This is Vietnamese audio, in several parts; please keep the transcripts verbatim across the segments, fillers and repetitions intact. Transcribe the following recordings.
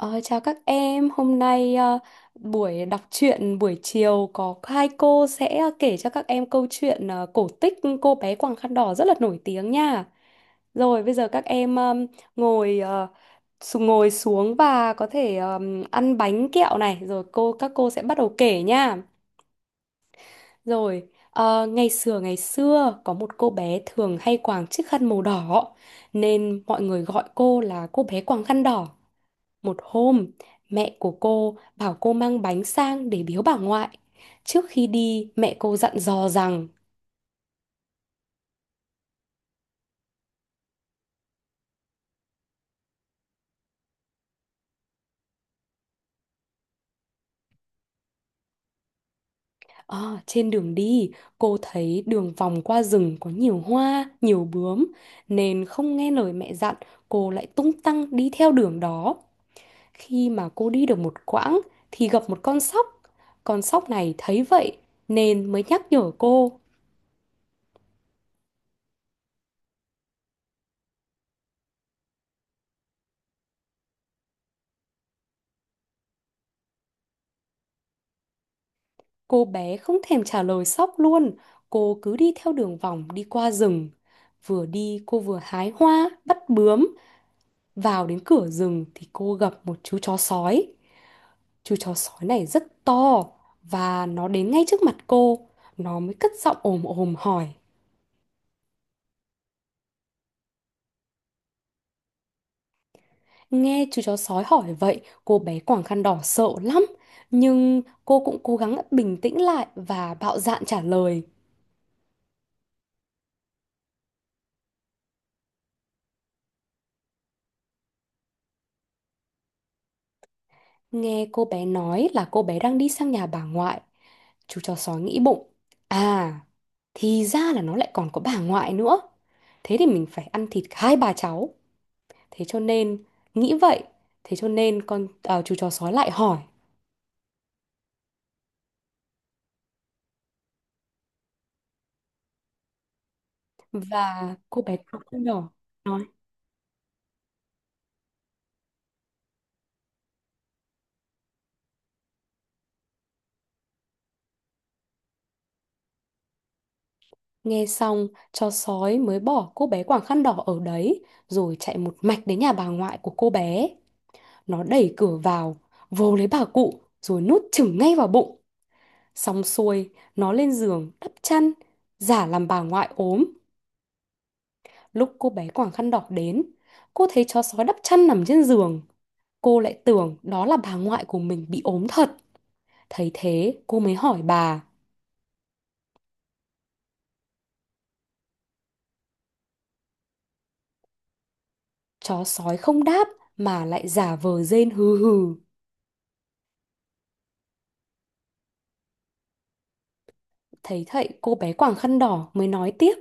Ờ, Chào các em, hôm nay ờ, buổi đọc truyện buổi chiều có hai cô sẽ ờ, kể cho các em câu chuyện ờ, cổ tích cô bé quàng khăn đỏ rất là nổi tiếng nha. Rồi bây giờ các em ờm, ngồi ờ, xu- ngồi xuống và có thể ờm, ăn bánh kẹo này, rồi cô các cô sẽ bắt đầu kể nha. Rồi ờ, ngày xưa ngày xưa có một cô bé thường hay quàng chiếc khăn màu đỏ nên mọi người gọi cô là cô bé quàng khăn đỏ. Một hôm, mẹ của cô bảo cô mang bánh sang để biếu bà ngoại. Trước khi đi, mẹ cô dặn dò rằng "Ờ, trên đường đi, cô thấy đường vòng qua rừng có nhiều hoa, nhiều bướm, nên không nghe lời mẹ dặn, cô lại tung tăng đi theo đường đó. Khi mà cô đi được một quãng thì gặp một con sóc. Con sóc này thấy vậy nên mới nhắc nhở cô. Cô bé không thèm trả lời sóc luôn, cô cứ đi theo đường vòng đi qua rừng. Vừa đi cô vừa hái hoa, bắt bướm. Vào đến cửa rừng thì cô gặp một chú chó sói. Chú chó sói này rất to và nó đến ngay trước mặt cô. Nó mới cất giọng ồm ồm hỏi. Nghe chú chó sói hỏi vậy, cô bé quàng khăn đỏ sợ lắm. Nhưng cô cũng cố gắng bình tĩnh lại và bạo dạn trả lời. Nghe cô bé nói là cô bé đang đi sang nhà bà ngoại. Chú chó sói nghĩ bụng. À, thì ra là nó lại còn có bà ngoại nữa. Thế thì mình phải ăn thịt hai bà cháu. Thế cho nên, nghĩ vậy. Thế cho nên con à, chú chó sói lại hỏi. Và cô bé quàng khăn đỏ nói. Nghe xong, chó sói mới bỏ cô bé quàng khăn đỏ ở đấy. Rồi chạy một mạch đến nhà bà ngoại của cô bé. Nó đẩy cửa vào, vồ lấy bà cụ, rồi nuốt chửng ngay vào bụng. Xong xuôi, nó lên giường đắp chăn, giả làm bà ngoại ốm. Lúc cô bé quàng khăn đỏ đến, cô thấy chó sói đắp chăn nằm trên giường. Cô lại tưởng đó là bà ngoại của mình bị ốm thật. Thấy thế, cô mới hỏi bà. Chó sói không đáp mà lại giả vờ rên hừ hừ. Thấy vậy, cô bé quàng khăn đỏ mới nói tiếp.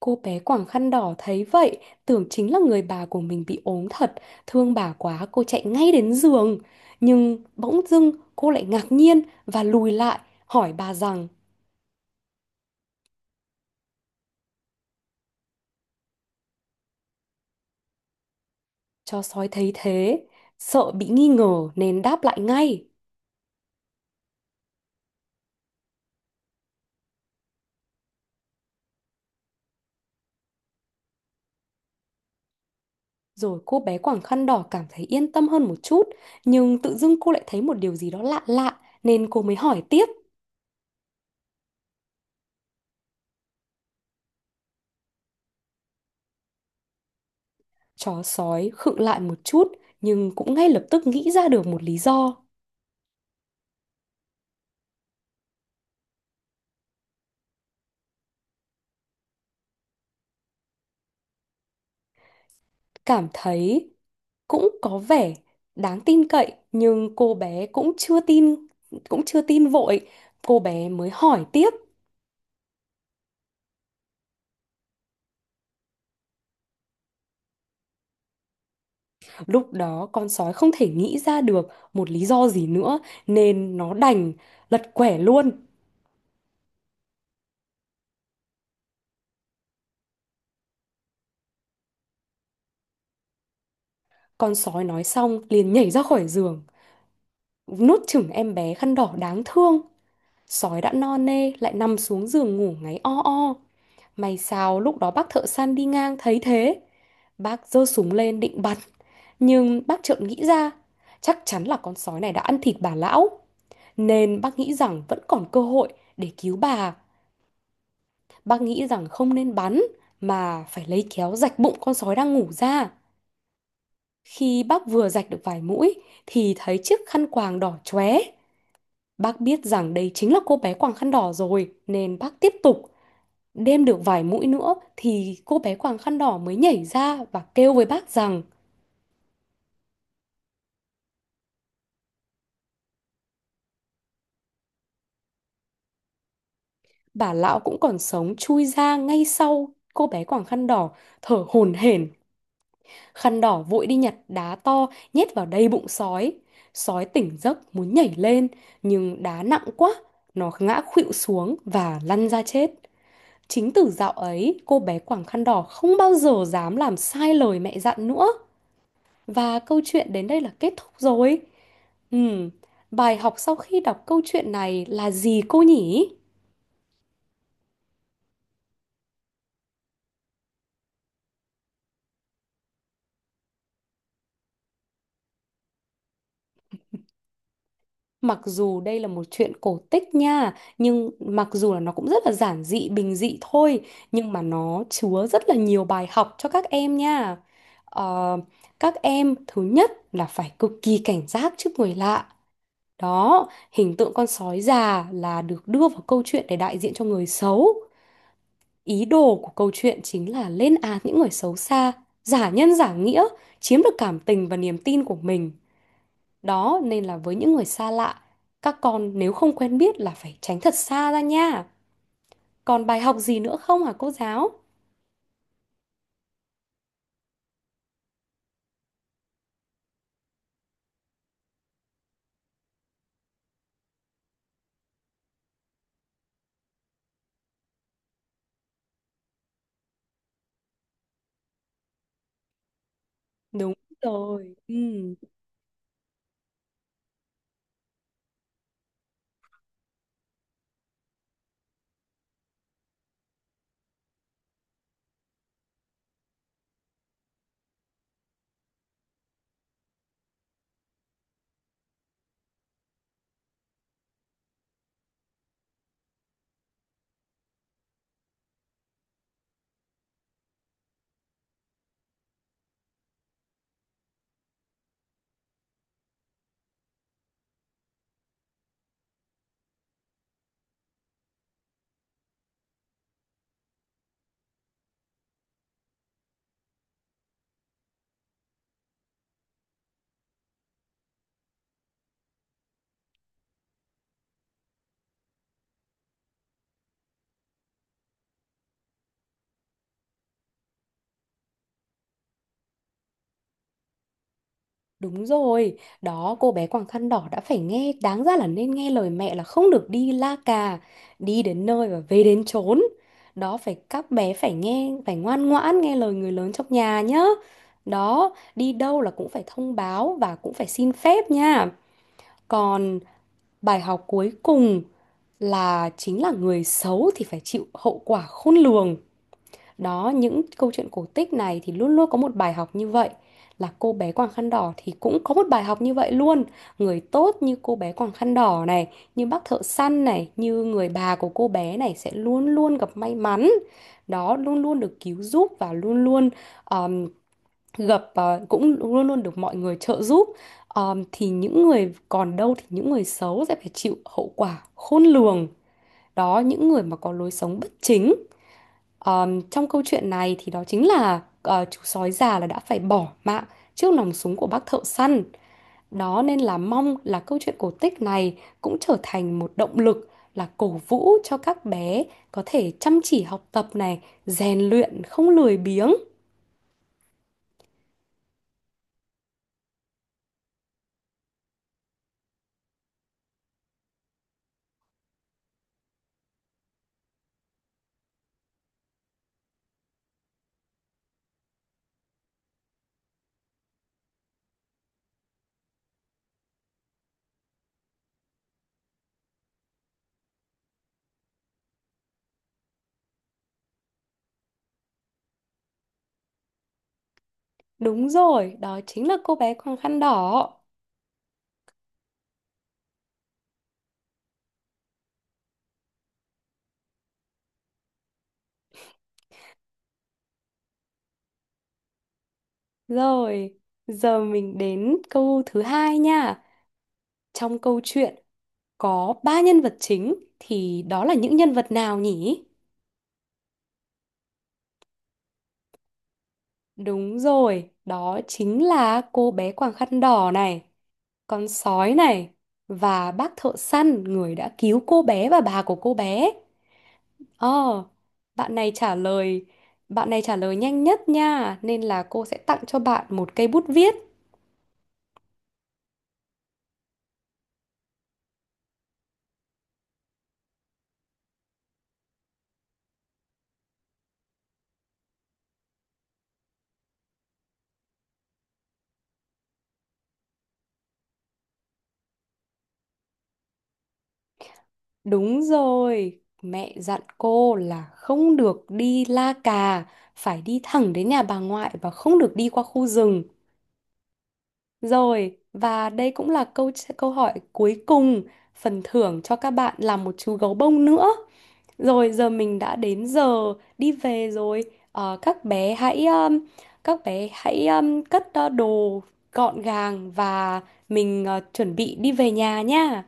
Cô bé quàng khăn đỏ thấy vậy, tưởng chính là người bà của mình bị ốm thật, thương bà quá cô chạy ngay đến giường. Nhưng bỗng dưng cô lại ngạc nhiên và lùi lại, hỏi bà rằng, cho sói thấy thế, sợ bị nghi ngờ nên đáp lại ngay. Rồi cô bé quàng khăn đỏ cảm thấy yên tâm hơn một chút, nhưng tự dưng cô lại thấy một điều gì đó lạ lạ nên cô mới hỏi tiếp. Chó sói khựng lại một chút nhưng cũng ngay lập tức nghĩ ra được một lý do. Cảm thấy cũng có vẻ đáng tin cậy nhưng cô bé cũng chưa tin cũng chưa tin vội cô bé mới hỏi tiếp. Lúc đó con sói không thể nghĩ ra được một lý do gì nữa nên nó đành lật quẻ luôn. Con sói nói xong liền nhảy ra khỏi giường nuốt chửng em bé khăn đỏ đáng thương. Sói đã no nê lại nằm xuống giường ngủ ngáy o o. May sao lúc đó bác thợ săn đi ngang thấy thế. Bác giơ súng lên định bắn. Nhưng bác chợt nghĩ ra, chắc chắn là con sói này đã ăn thịt bà lão. Nên bác nghĩ rằng vẫn còn cơ hội để cứu bà. Bác nghĩ rằng không nên bắn mà phải lấy kéo rạch bụng con sói đang ngủ ra. Khi bác vừa rạch được vài mũi thì thấy chiếc khăn quàng đỏ chóe. Bác biết rằng đây chính là cô bé quàng khăn đỏ rồi nên bác tiếp tục. Đêm được vài mũi nữa thì cô bé quàng khăn đỏ mới nhảy ra và kêu với bác rằng bà lão cũng còn sống chui ra ngay sau cô bé quàng khăn đỏ thở hổn hển. Khăn đỏ vội đi nhặt đá to nhét vào đầy bụng sói. Sói tỉnh giấc muốn nhảy lên nhưng đá nặng quá, nó ngã khuỵu xuống và lăn ra chết. Chính từ dạo ấy, cô bé quàng khăn đỏ không bao giờ dám làm sai lời mẹ dặn nữa. Và câu chuyện đến đây là kết thúc rồi. Ừm, Bài học sau khi đọc câu chuyện này là gì cô nhỉ? Mặc dù đây là một chuyện cổ tích nha, nhưng mặc dù là nó cũng rất là giản dị, bình dị thôi, nhưng mà nó chứa rất là nhiều bài học cho các em nha. Ờ, các em thứ nhất là phải cực kỳ cảnh giác trước người lạ. Đó, hình tượng con sói già là được đưa vào câu chuyện để đại diện cho người xấu. Ý đồ của câu chuyện chính là lên án những người xấu xa, giả nhân giả nghĩa, chiếm được cảm tình và niềm tin của mình. Đó nên là với những người xa lạ, các con nếu không quen biết là phải tránh thật xa ra nha. Còn bài học gì nữa không hả cô giáo? Đúng rồi. Ừ. Đúng rồi, đó cô bé quàng khăn đỏ đã phải nghe, đáng ra là nên nghe lời mẹ là không được đi la cà, đi đến nơi và về đến chốn. Đó phải các bé phải nghe, phải ngoan ngoãn nghe lời người lớn trong nhà nhá. Đó, đi đâu là cũng phải thông báo và cũng phải xin phép nha. Còn bài học cuối cùng là chính là người xấu thì phải chịu hậu quả khôn lường. Đó, những câu chuyện cổ tích này thì luôn luôn có một bài học như vậy. Là cô bé quàng khăn đỏ thì cũng có một bài học như vậy luôn. Người tốt như cô bé quàng khăn đỏ này, như bác thợ săn này, như người bà của cô bé này sẽ luôn luôn gặp may mắn. Đó, luôn luôn được cứu giúp và luôn luôn um, gặp ờ, cũng luôn luôn được mọi người trợ giúp. Um, thì những người còn đâu thì những người xấu sẽ phải chịu hậu quả khôn lường. Đó, những người mà có lối sống bất chính. Ờm, trong câu chuyện này thì đó chính là ờ, chú sói già là đã phải bỏ mạng trước nòng súng của bác thợ săn. Đó nên là mong là câu chuyện cổ tích này cũng trở thành một động lực là cổ vũ cho các bé có thể chăm chỉ học tập này, rèn luyện không lười biếng. Đúng rồi, đó chính là cô bé quàng khăn đỏ. Rồi, giờ mình đến câu thứ hai nha. Trong câu chuyện có ba nhân vật chính thì đó là những nhân vật nào nhỉ? Đúng rồi, đó chính là cô bé quàng khăn đỏ này, con sói này và bác thợ săn người đã cứu cô bé và bà của cô bé. Ờ, bạn này trả lời, bạn này trả lời nhanh nhất nha, nên là cô sẽ tặng cho bạn một cây bút viết. Đúng rồi, mẹ dặn cô là không được đi la cà, phải đi thẳng đến nhà bà ngoại và không được đi qua khu rừng. Rồi, và đây cũng là câu câu hỏi cuối cùng, phần thưởng cho các bạn là một chú gấu bông nữa. Rồi giờ mình đã đến giờ đi về rồi. Ờ, các bé hãy um, các bé hãy um, cất uh, đồ gọn gàng và mình uh, chuẩn bị đi về nhà nha.